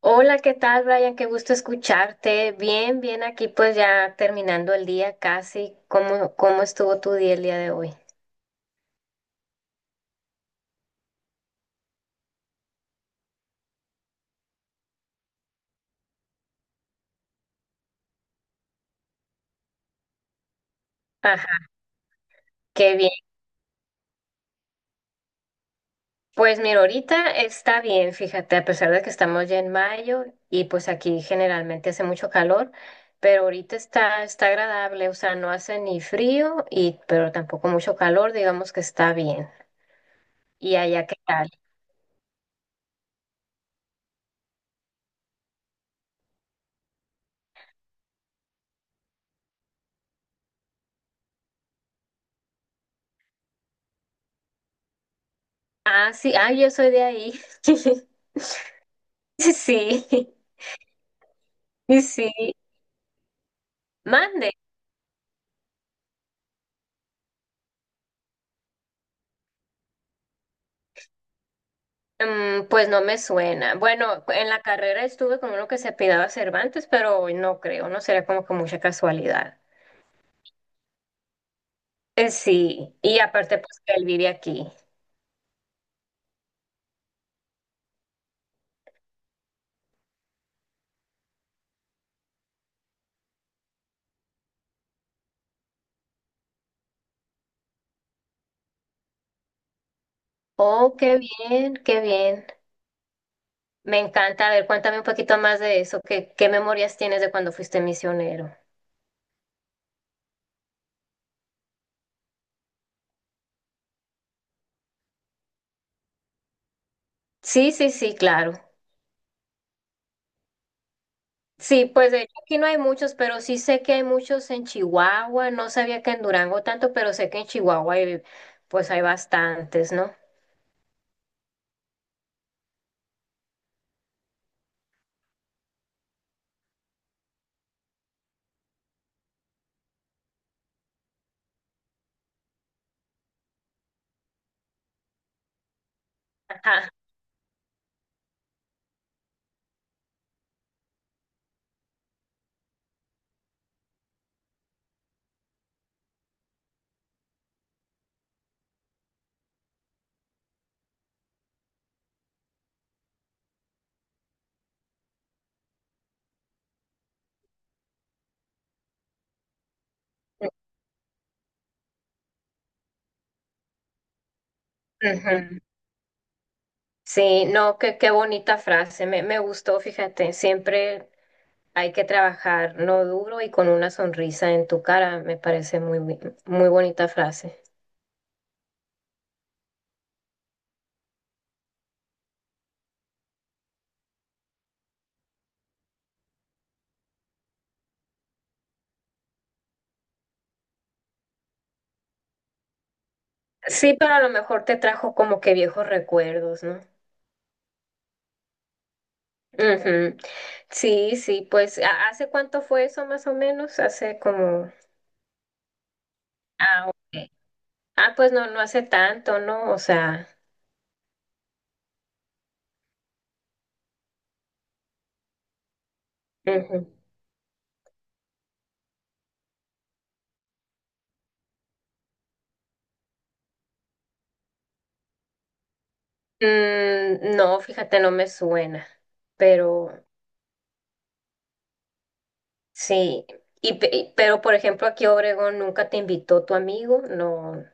Hola, ¿qué tal, Brian? Qué gusto escucharte. Bien, bien, aquí pues ya terminando el día casi. ¿Cómo estuvo tu día el día de hoy? Ajá, qué bien. Pues mira, ahorita está bien, fíjate, a pesar de que estamos ya en mayo y pues aquí generalmente hace mucho calor, pero ahorita está agradable, o sea, no hace ni frío y pero tampoco mucho calor, digamos que está bien. ¿Y allá qué tal? Ah, sí, ah, yo soy de ahí. Sí, sí. Sí, mande. Mm, pues no me suena. Bueno, en la carrera estuve con uno que se apellidaba Cervantes, pero hoy no creo, no sería como que mucha casualidad. Sí, y aparte pues que él vive aquí. Oh, qué bien, qué bien. Me encanta. A ver, cuéntame un poquito más de eso. ¿Qué memorias tienes de cuando fuiste misionero? Sí, sí, sí, claro. Sí, pues de hecho aquí no hay muchos, pero sí sé que hay muchos en Chihuahua. No sabía que en Durango tanto, pero sé que en Chihuahua hay, pues hay bastantes, ¿no? Ajá. Ujú. Sí, no, qué bonita frase, me gustó, fíjate, siempre hay que trabajar no duro y con una sonrisa en tu cara, me parece muy, muy bonita frase. Sí, pero a lo mejor te trajo como que viejos recuerdos, ¿no? Ujú. Sí, sí, pues hace cuánto fue eso más o menos? Hace como... Ah, ok. Ah, pues no, no hace tanto, ¿no? O sea... Ujú. Mm, no, fíjate, no me suena, pero... Sí, pero por ejemplo aquí Obregón nunca te invitó tu amigo, no.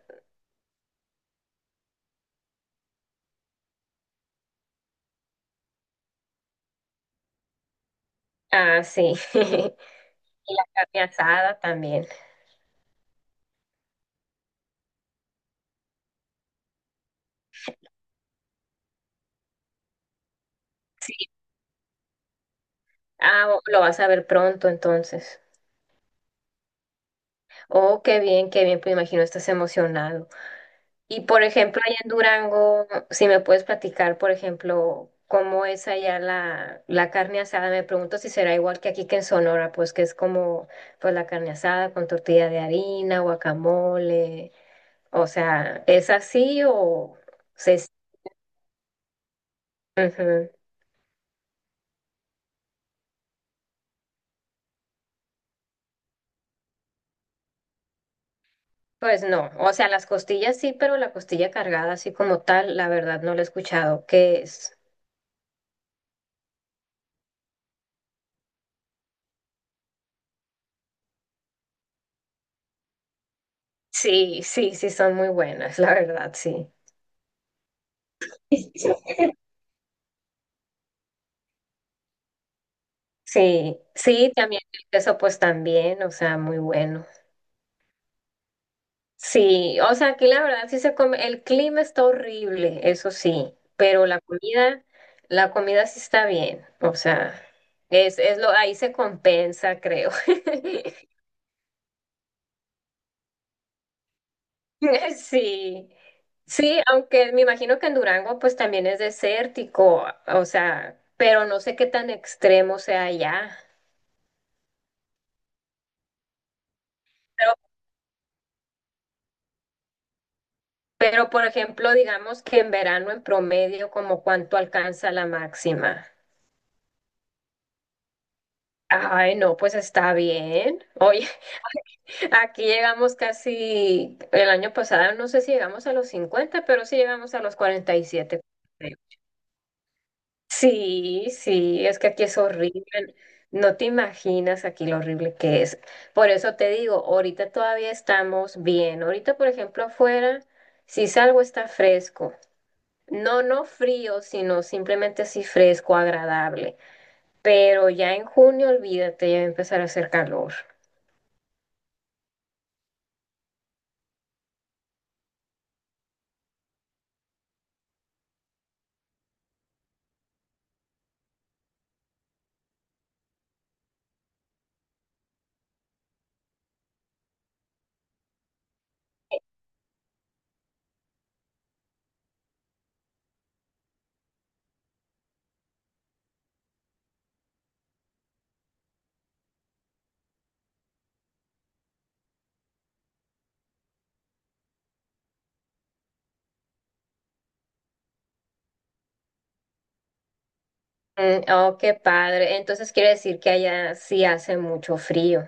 Ah, sí. Y la carne asada también. Sí. Ah, lo vas a ver pronto entonces. Oh, qué bien, pues imagino estás emocionado. Y por ejemplo, allá en Durango, si me puedes platicar, por ejemplo, cómo es allá la carne asada, me pregunto si será igual que aquí que en Sonora, pues que es como pues la carne asada con tortilla de harina, guacamole. O sea, ¿es así o se... Ujú. Pues no, o sea, las costillas sí, pero la costilla cargada así como tal, la verdad no la he escuchado, que es... Sí, sí, sí, son muy buenas, la verdad, sí. Sí, sí, también el queso pues también, o sea, muy bueno. Sí, o sea, aquí la verdad sí se come, el clima está horrible, eso sí, pero la comida sí está bien, o sea, es lo, ahí se compensa, creo. Sí, sí, aunque me imagino que en Durango pues también es desértico, o sea, pero no sé qué tan extremo sea allá. Pero, pero por ejemplo, digamos que en verano en promedio, ¿como cuánto alcanza la máxima? Ay, no, pues está bien. Oye, aquí llegamos casi el año pasado, no sé si llegamos a los 50, pero sí llegamos a los 47. Sí, sí, es que aquí es horrible. No te imaginas aquí lo horrible que es. Por eso te digo, ahorita todavía estamos bien. Ahorita, por ejemplo, afuera, si salgo está fresco. No, no frío, sino simplemente así fresco, agradable. Pero ya en junio, olvídate, ya va a empezar a hacer calor. Mm, oh, qué padre. Entonces quiere decir que allá sí hace mucho frío.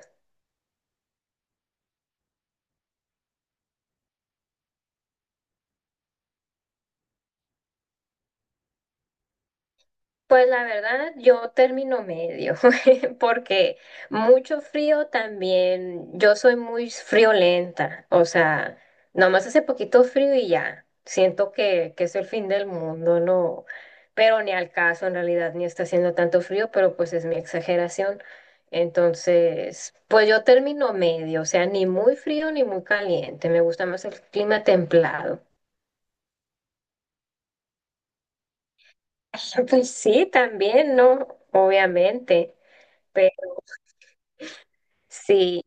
Pues la verdad, yo termino medio, porque mucho frío también, yo soy muy friolenta, o sea, nomás hace poquito frío y ya, siento que es el fin del mundo, no, pero ni al caso en realidad, ni está haciendo tanto frío, pero pues es mi exageración. Entonces, pues yo termino medio, o sea, ni muy frío ni muy caliente, me gusta más el clima templado. Pues sí, también, ¿no? Obviamente. Sí,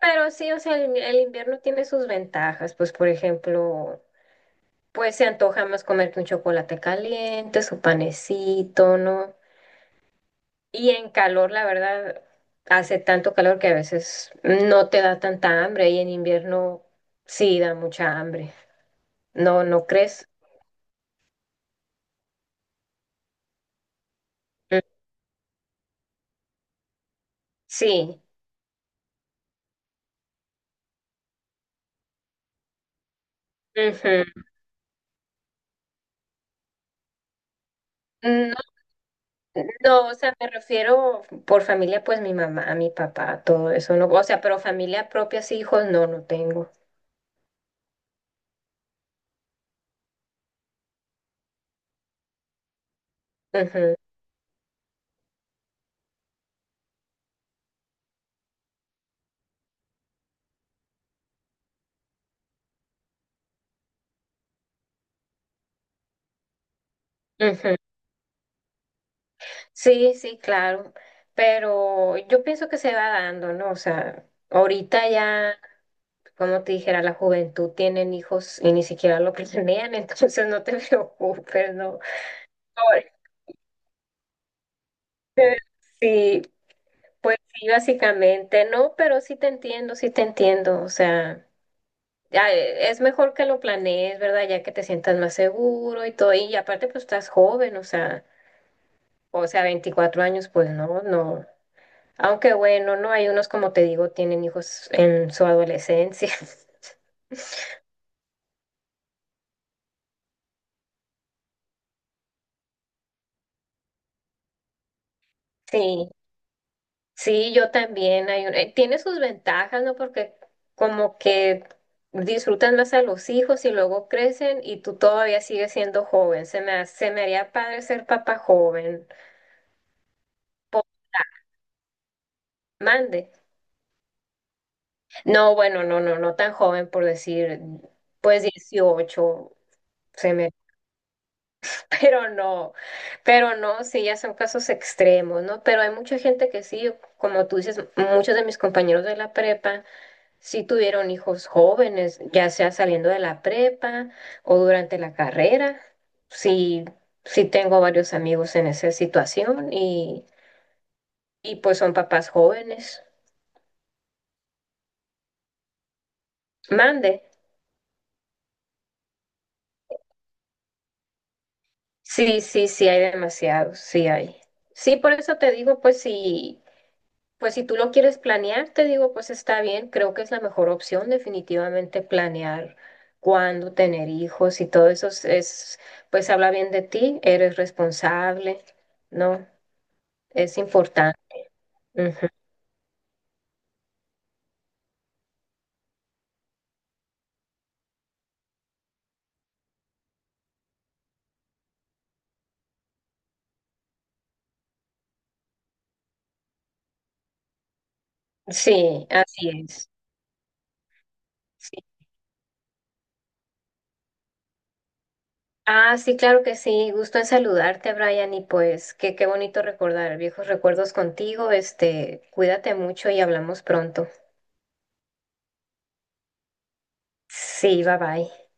pero sí, o sea, el invierno tiene sus ventajas, pues por ejemplo, pues se antoja más comerte un chocolate caliente, su panecito, ¿no? Y en calor, la verdad, hace tanto calor que a veces no te da tanta hambre y en invierno sí da mucha hambre. ¿No, no crees? Mm, sí. Ujú. No, no, o sea, me refiero por familia, pues mi mamá, mi papá, todo eso, ¿no? O sea, pero familia propia, sí, hijos, no, no tengo. Ujú. Ujú. Sí, sí, claro, pero yo pienso que se va dando, ¿no? O sea, ahorita ya, como te dijera, la juventud tienen hijos y ni siquiera lo planean, entonces no te preocupes, ¿no? Ahora, sí, pues sí, básicamente, no, pero sí te entiendo, o sea, ya, es mejor que lo planees, ¿verdad? Ya que te sientas más seguro y todo, y aparte pues estás joven, o sea, 24 años, pues no, no. Aunque bueno, no hay unos, como te digo, tienen hijos en su adolescencia. Sí, sí, yo también. Tiene sus ventajas, ¿no? Porque como que disfrutan más a los hijos y luego crecen y tú todavía sigues siendo joven. Se me haría padre ser papá joven. Po- Mande. No, bueno, no, no, no tan joven por decir, pues 18 se me pero no, pero no, sí, ya son casos extremos, ¿no? Pero hay mucha gente que sí, como tú dices, muchos de mis compañeros de la prepa sí tuvieron hijos jóvenes, ya sea saliendo de la prepa o durante la carrera. Sí, sí tengo varios amigos en esa situación y pues son papás jóvenes. Mande. Sí, sí, sí hay demasiados, sí hay. Sí, por eso te digo, pues sí. Pues si tú lo quieres planear, te digo, pues está bien, creo que es la mejor opción definitivamente planear cuándo tener hijos y todo es, pues habla bien de ti, eres responsable, ¿no? Es importante. Ujú. Sí, así es. Sí. Ah, sí, claro que sí, gusto en saludarte, Brian, y pues qué bonito recordar viejos recuerdos contigo, este, cuídate mucho y hablamos pronto. Sí, bye bye.